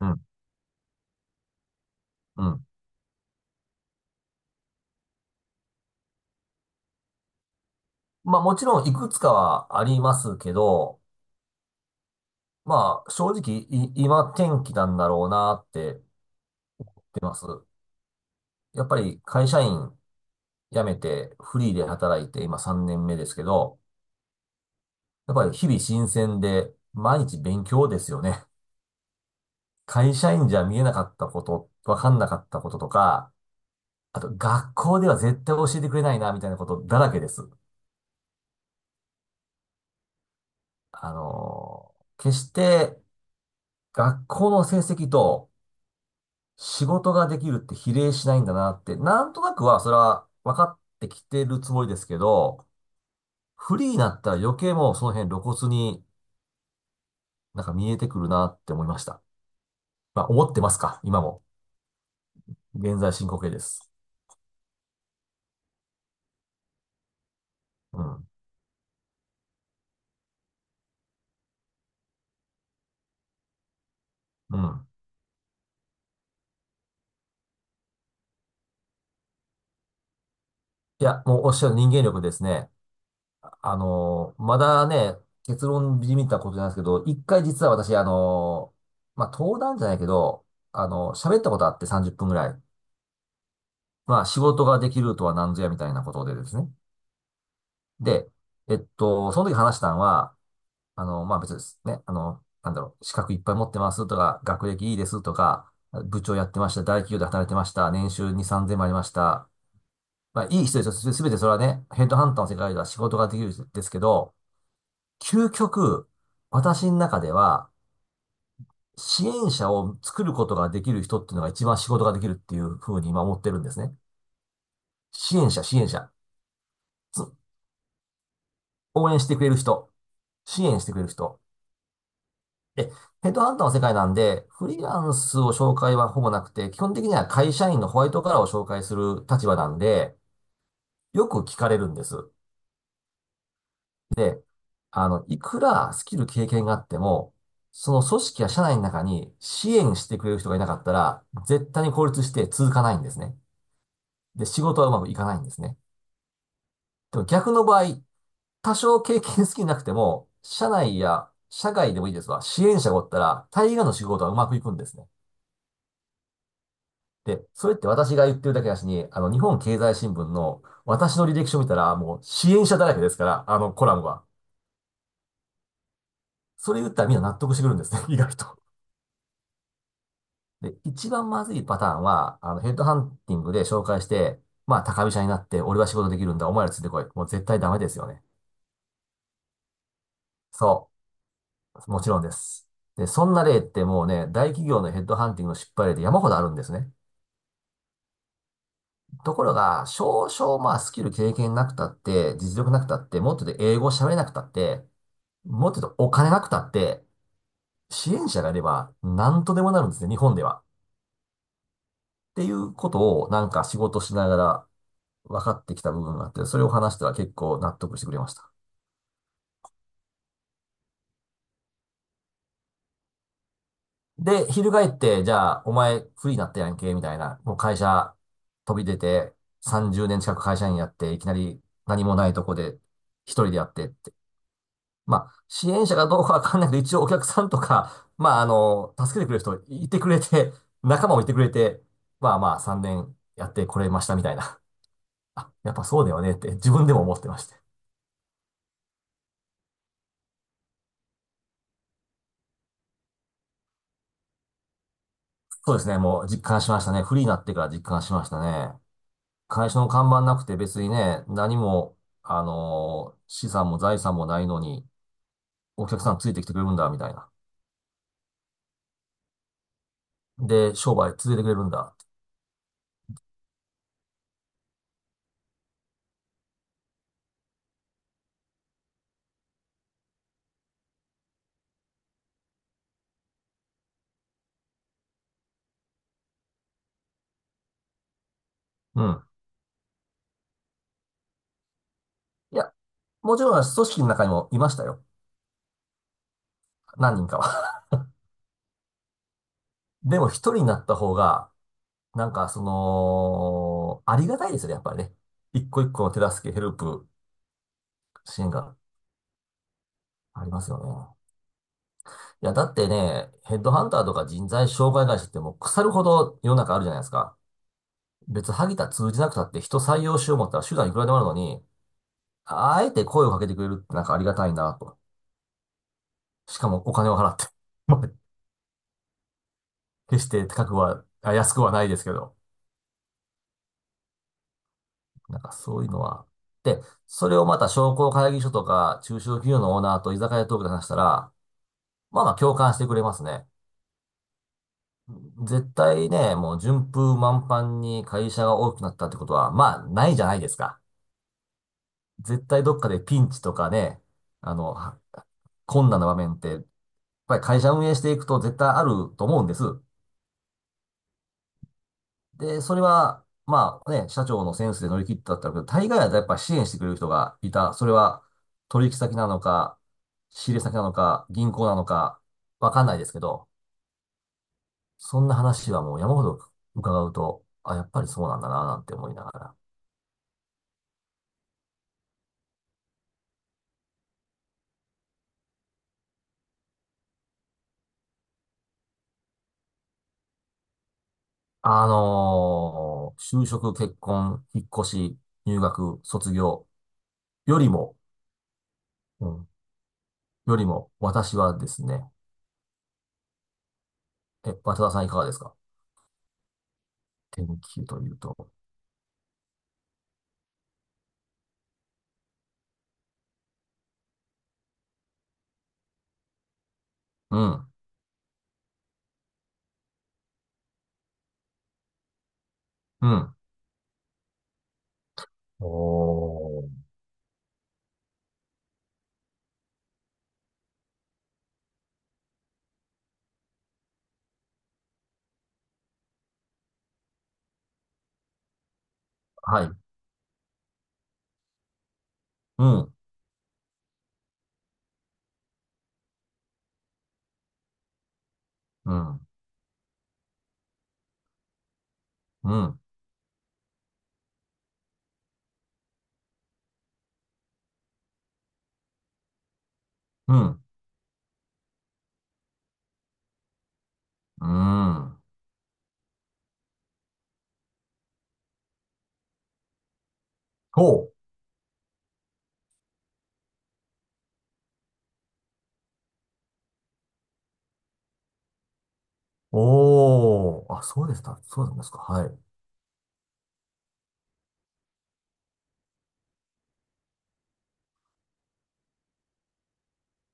うん、うん。まあもちろんいくつかはありますけど、まあ正直今天気なんだろうなって言ってます。やっぱり会社員辞めてフリーで働いて今3年目ですけど、やっぱり日々新鮮で毎日勉強ですよね。会社員じゃ見えなかったこと、わかんなかったこととか、あと学校では絶対教えてくれないなみたいなことだらけです。決して学校の成績と仕事ができるって比例しないんだなって、なんとなくはそれは分かってきてるつもりですけど、フリーになったら余計もうその辺露骨になんか見えてくるなって思いました。まあ思ってますか今も。現在進行形です。うん。うん。いや、もうおっしゃる人間力ですね。まだね、結論じみたことじゃないですけど、一回実は私、まあ登壇じゃないけど、喋ったことあって30分ぐらい。まあ仕事ができるとは何ぞやみたいなことでですね。で、その時話したのは、あの、まあ、別にですね。あの、なんだろう、資格いっぱい持ってますとか、学歴いいですとか、部長やってました、大企業で働いてました、年収2、3000もありました。まあ、いい人ですよ。すべてそれはね、ヘッドハンターの世界では仕事ができるんですけど、究極、私の中では、支援者を作ることができる人っていうのが一番仕事ができるっていうふうに今思ってるんですね。支援者、支援者。つ応援してくれる人。支援してくれる人。え、ヘッドハンターの世界なんで、フリーランスを紹介はほぼなくて、基本的には会社員のホワイトカラーを紹介する立場なんで、よく聞かれるんです。で、あの、いくらスキル経験があっても、その組織や社内の中に支援してくれる人がいなかったら、絶対に孤立して続かないんですね。で、仕事はうまくいかないんですね。でも逆の場合、多少経験好きなくても、社内や社外でもいいですわ、支援者がおったら、大概の仕事はうまくいくんですね。で、それって私が言ってるだけだしに、あの、日本経済新聞の私の履歴書見たら、もう支援者だらけですから、あの、コラムは。それ言ったらみんな納得してくるんですね、意外と。で、一番まずいパターンは、あの、ヘッドハンティングで紹介して、まあ、高飛車になって、俺は仕事できるんだ、お前らついてこい。もう絶対ダメですよね。そう。もちろんです。で、そんな例ってもうね、大企業のヘッドハンティングの失敗例で山ほどあるんですね。ところが、少々まあスキル経験なくたって、実力なくたって、もっと英語喋れなくたって、もっと言うとお金なくたって、支援者がいれば何とでもなるんですね、日本では。っていうことをなんか仕事しながら分かってきた部分があって、それを話したら結構納得してくれました。で、翻って、じゃあ、お前フリーになったやんけ、みたいな、もう会社飛び出て30年近く会社員やって、いきなり何もないとこで一人でやって、まあ、支援者かどうかわかんないけど、一応お客さんとか、まあ、あの、助けてくれる人いてくれて、仲間もいてくれて、まあまあ、3年やってこれましたみたいな。あ、やっぱそうだよねって自分でも思ってまして。そうですね、もう実感しましたね。フリーになってから実感しましたね。会社の看板なくて別にね、何も、あの、資産も財産もないのに、お客さんついてきてくれるんだ、みたいな。で、商売続けてくれるんだ。うん。いや、もちろん組織の中にもいましたよ。何人かは。でも一人になった方が、なんかその、ありがたいですよね、やっぱりね。一個一個の手助け、ヘルプ、支援がありますよね。いや、だってね、ヘッドハンターとか人材紹介会社ってもう腐るほど世の中あるじゃないですか。別、萩田通じなくたって人採用しよう思ったら手段いくらでもあるのに、あえて声をかけてくれるってなんかありがたいなと。しかもお金を払って。まあ決して高くは、安くはないですけど。なんかそういうのは。で、それをまた商工会議所とか中小企業のオーナーと居酒屋トークで話したら、まあまあ共感してくれますね。絶対ね、もう順風満帆に会社が大きくなったってことは、まあないじゃないですか。絶対どっかでピンチとかね、あの、困難な場面って、やっぱり会社運営していくと絶対あると思うんです。で、それは、まあね、社長のセンスで乗り切ったけど、大概はやっぱ支援してくれる人がいた。それは取引先なのか、仕入れ先なのか、銀行なのか、わかんないですけど、そんな話はもう山ほど伺うと、あ、やっぱりそうなんだな、なんて思いながら。就職、結婚、引っ越し、入学、卒業よりも、うん、よりも、私はですね、え、渡田さんいかがですか天気というと。うん、うん。おー、はい。うん、うん、うん、うん、うん。ほう。おー。あ、そうでした。そうなんですか。はい。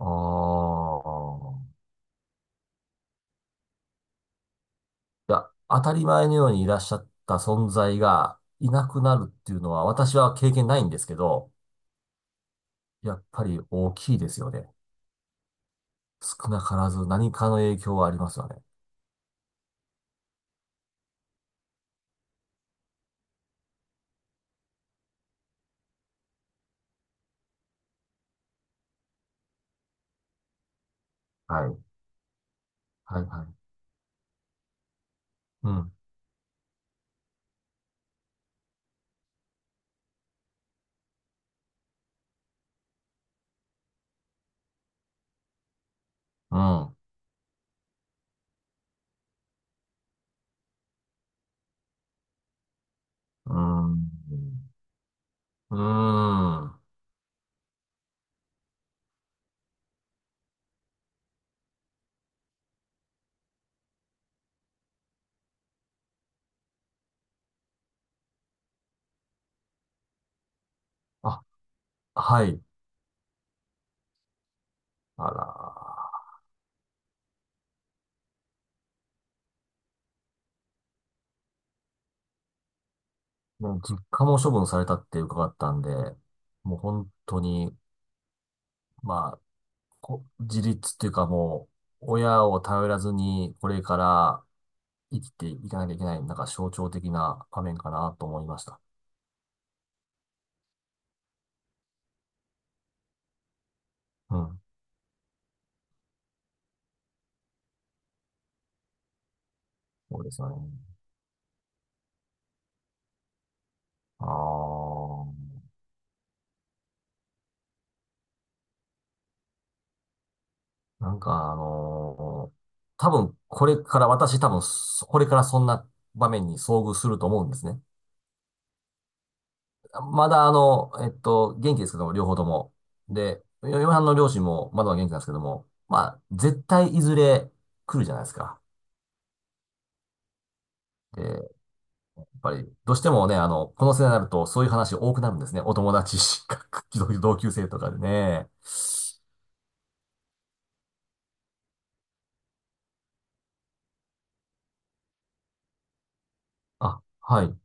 ああ。いや、当たり前のようにいらっしゃった存在がいなくなるっていうのは、私は経験ないんですけど、やっぱり大きいですよね。少なからず何かの影響はありますよね。はい。はい、はい。うん、うん、うん、うーん。あ、はい。あらー。もう実家も処分されたって伺ったんで、もう本当に、まあ、自立っていうかもう、親を頼らずに、これから生きていかなきゃいけない、なんか象徴的な場面かなと思いました。うん。そうですよね。ああ、なんか多分これから、私多分そ、これからそんな場面に遭遇すると思うんですね。まだあの、元気ですけども、両方とも。で、嫁はんの両親もまだまだ元気なんですけども、まあ、絶対いずれ来るじゃないですか。で、やっぱり、どうしてもね、あの、この世代になるとそういう話多くなるんですね。お友達、同級生とかでね。あ、はい。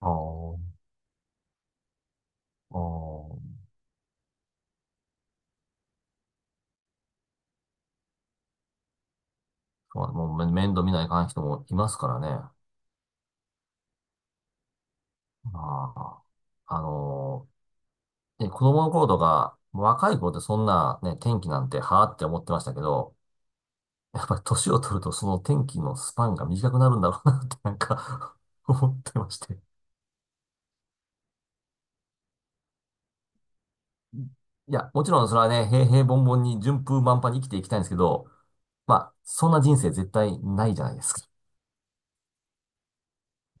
ああ、ああ、そう、もう面倒見ないかん人もいますからね。ああ、あのね子供の頃とか、若い頃ってそんなね、天気なんてはあって思ってましたけど、やっぱり年を取るとその天気のスパンが短くなるんだろうなってなんか 思ってまして。いや、もちろんそれはね、平凡々に順風満帆に生きていきたいんですけど、まあ、そんな人生絶対ないじゃないですか。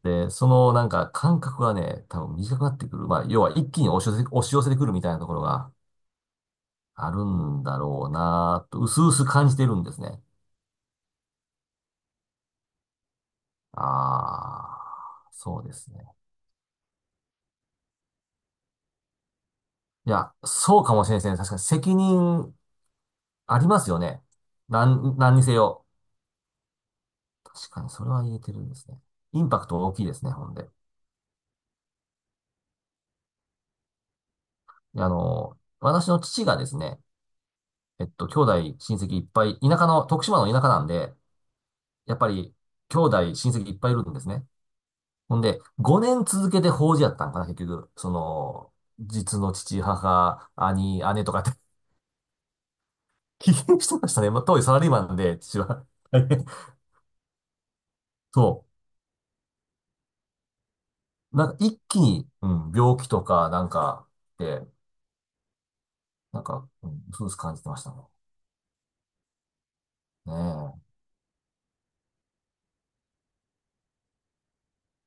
で、そのなんか感覚がね、多分短くなってくる。まあ、要は一気に押し寄せ、押し寄せてくるみたいなところがあるんだろうなと、薄々感じてるんですね。ああ、そうですね。いや、そうかもしれないですね。確かに責任ありますよね。何にせよ。確かにそれは言えてるんですね。インパクト大きいですね、ほんで。で、あの、私の父がですね、兄弟、親戚いっぱい、田舎の、徳島の田舎なんで、やっぱり、兄弟、親戚いっぱいいるんですね。ほんで、5年続けて法事やったんかな、結局。その、実の父、母、兄、姉とかって 危険してましたね。まあ、当時サラリーマンで、父は。そう。なんか一気に、うん、病気とか、なんか、で、なんか、うん、そうです感じてましたね。ねえ。